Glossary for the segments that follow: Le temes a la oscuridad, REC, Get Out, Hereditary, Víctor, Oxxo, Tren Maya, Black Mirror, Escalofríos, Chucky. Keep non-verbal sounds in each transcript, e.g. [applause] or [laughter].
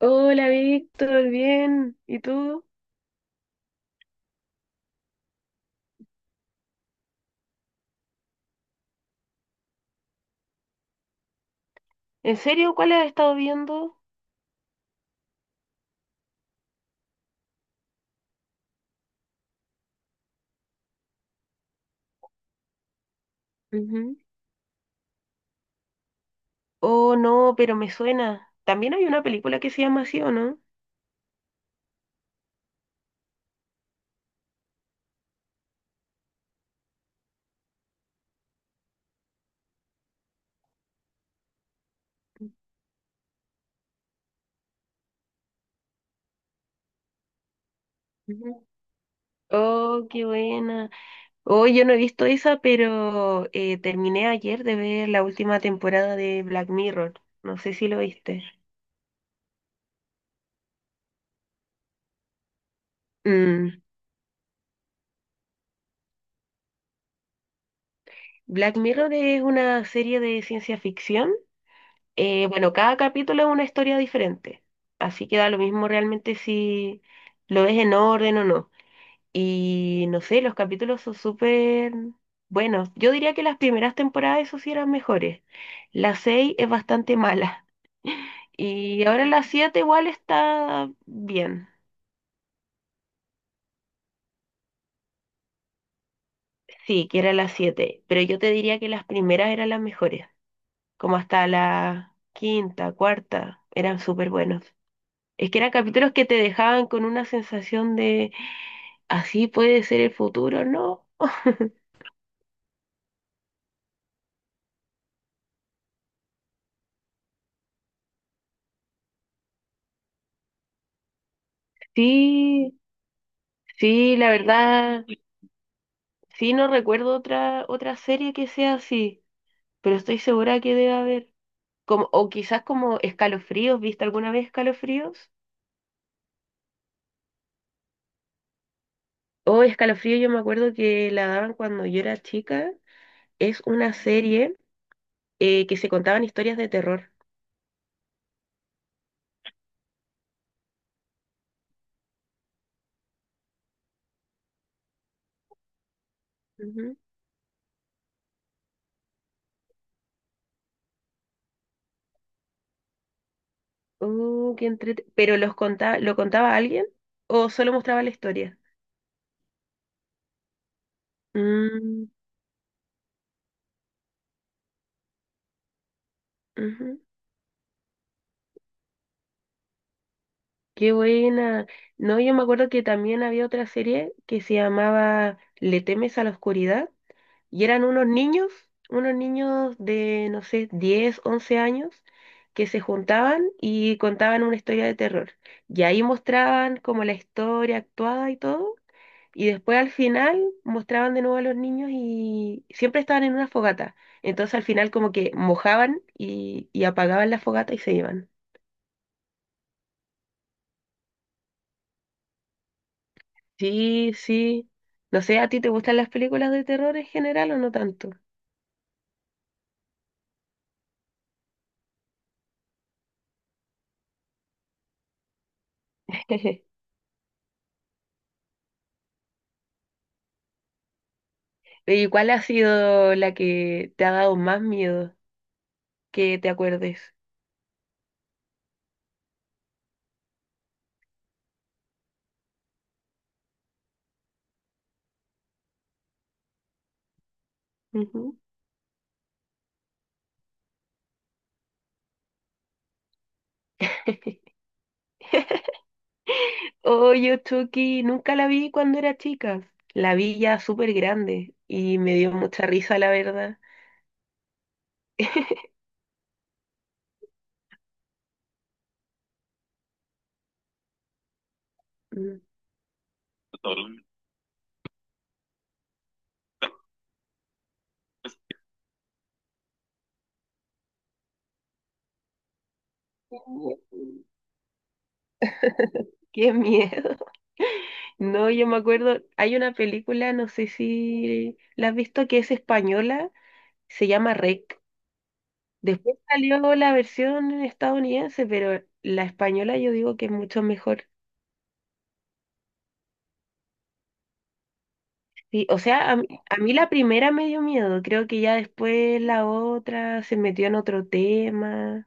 Hola Víctor, bien. ¿Y tú? ¿En serio? ¿Cuál has estado viendo? Ujú. Oh, no, pero me suena. También hay una película que se llama así, ¿o no? Ujú. Oh, qué buena. Oh, yo no he visto esa, pero terminé ayer de ver la última temporada de Black Mirror. No sé si lo viste. Mm. Black Mirror es una serie de ciencia ficción. Bueno, cada capítulo es una historia diferente. Así que da lo mismo realmente si lo ves en orden o no. Y no sé, los capítulos son súper buenos. Yo diría que las primeras temporadas, eso sí, eran mejores. La 6 es bastante mala. [laughs] Y ahora la 7 igual está bien. Sí, que era la siete. Pero yo te diría que las primeras eran las mejores. Como hasta la quinta, cuarta, eran súper buenos. Es que eran capítulos que te dejaban con una sensación de, así puede ser el futuro, ¿no? Sí, sí, la verdad. Sí, no recuerdo otra serie que sea así, pero estoy segura que debe haber. Como, o quizás como Escalofríos, ¿viste alguna vez Escalofríos? O Escalofríos, yo me acuerdo que la daban cuando yo era chica. Es una serie que se contaban historias de terror. Ujú. Oh. ¿Pero los contaba, lo contaba alguien o solo mostraba la historia? Mm, ujú. Qué buena. No, yo me acuerdo que también había otra serie que se llamaba ¿Le temes a la oscuridad? Y eran unos niños de, no sé, 10 11 años, que se juntaban y contaban una historia de terror. Y ahí mostraban como la historia actuada y todo. Y después al final mostraban de nuevo a los niños y siempre estaban en una fogata. Entonces al final como que mojaban y apagaban la fogata y se iban. Sí, sí. No sé, ¿a ti te gustan las películas de terror en general o no tanto? [laughs] ¿Y cuál ha sido la que te ha dado más miedo, que te acuerdes? Ujú. [laughs] Oye, Chucky, nunca la vi cuando era chica. La vi ya súper grande y me dio mucha risa, la verdad. Mm. [laughs] Qué miedo. No, yo me acuerdo, hay una película, no sé si la has visto, que es española, se llama REC. Después salió la versión estadounidense, pero la española yo digo que es mucho mejor. Sí, o sea, a mí la primera me dio miedo, creo que ya después la otra se metió en otro tema.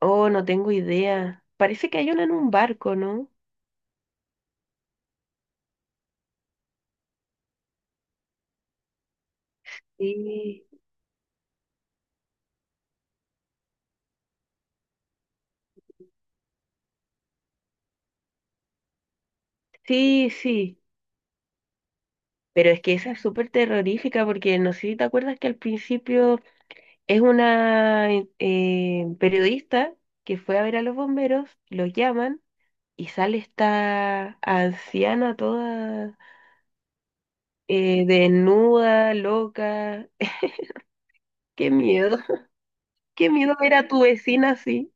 Oh, no tengo idea. Parece que hay una en un barco, ¿no? Sí, sí, sí. Pero es que esa es súper terrorífica porque no sé si te acuerdas que al principio es una periodista que fue a ver a los bomberos, los llaman y sale esta anciana toda desnuda, loca. [laughs] ¡Qué miedo! Qué miedo ver a tu vecina así.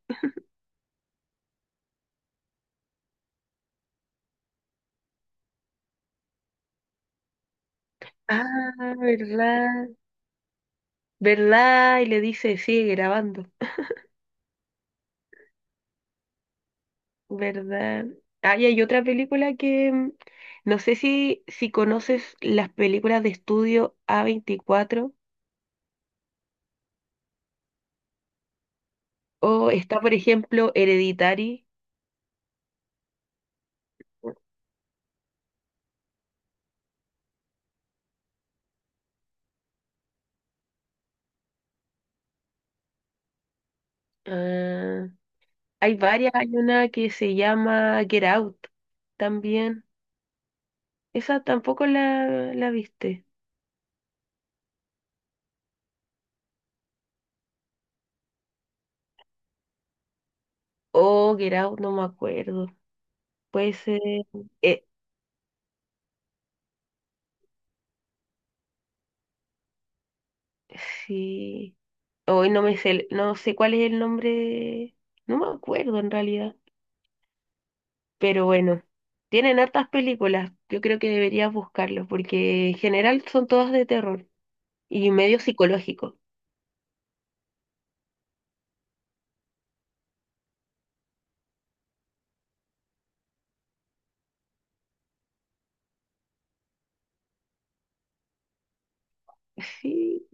Ah, ¿verdad? ¿Verdad? Y le dice, sigue grabando. ¿Verdad? Ah, y hay otra película que no sé si conoces las películas de estudio A24 o está, por ejemplo, Hereditary. Ah, hay varias, hay una que se llama Get Out también. Esa tampoco la viste. O Get Out, no me acuerdo. Puede ser. eh, sí. Hoy no me sé, no sé cuál es el nombre, no me acuerdo en realidad, pero bueno, tienen hartas películas, yo creo que deberías buscarlos porque en general son todas de terror y medio psicológico. [laughs] Sí.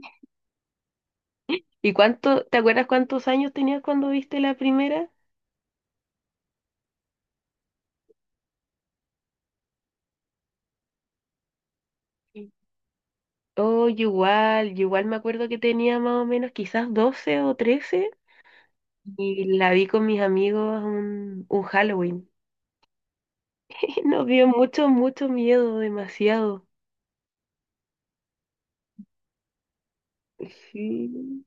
¿Y cuánto, te acuerdas cuántos años tenías cuando viste la primera? Sí. Oh, yo igual me acuerdo que tenía más o menos quizás 12 o 13 y la vi con mis amigos un Halloween. [laughs] Nos dio mucho, mucho miedo, demasiado. Sí.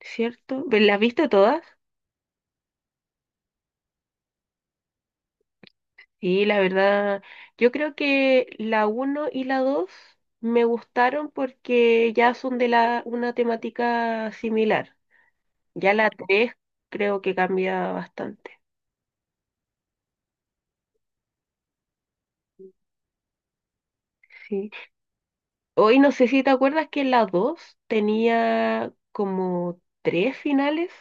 ¿Cierto? ¿Las viste todas? Sí, la verdad, yo creo que la uno y la 2 me gustaron porque ya son de una temática similar. Ya la 3 creo que cambia bastante. Sí. Hoy no sé si te acuerdas que la 2 tenía como tres finales.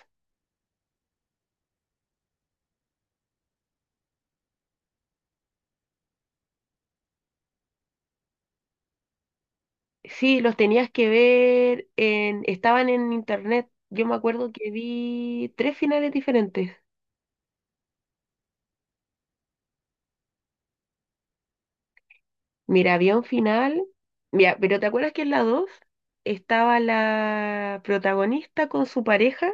Sí, los tenías que ver estaban en internet. Yo me acuerdo que vi tres finales diferentes. Mira, había un final. Mira, pero ¿te acuerdas que en la 2 estaba la protagonista con su pareja?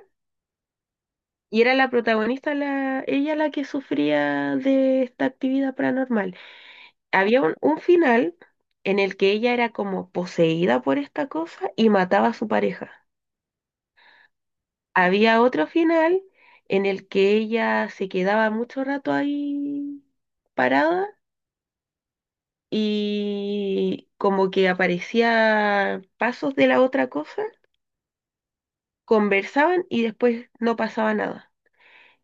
Y era la protagonista, ella la que sufría de esta actividad paranormal. Había un final en el que ella era como poseída por esta cosa y mataba a su pareja. Había otro final en el que ella se quedaba mucho rato ahí parada y como que aparecía pasos de la otra cosa conversaban y después no pasaba nada.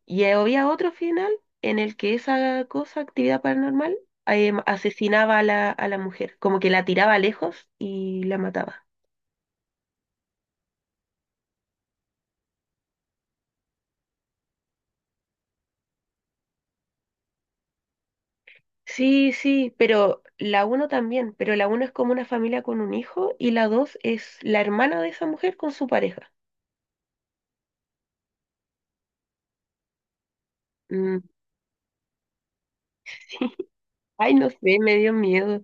Y había otro final en el que esa cosa, actividad paranormal, asesinaba a la mujer, como que la tiraba lejos y la mataba. Sí, sí, pero la uno también, pero la uno es como una familia con un hijo y la dos es la hermana de esa mujer con su pareja. Mm, [laughs] sí. Ay, no sé, me dio miedo.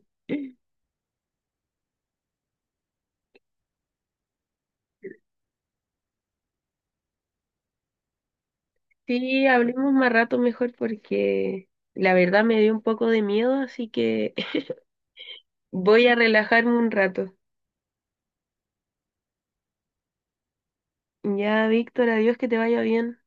Sí, hablemos más rato mejor porque la verdad me dio un poco de miedo, así que [laughs] voy a relajarme un rato. Ya, Víctor, adiós, que te vaya bien.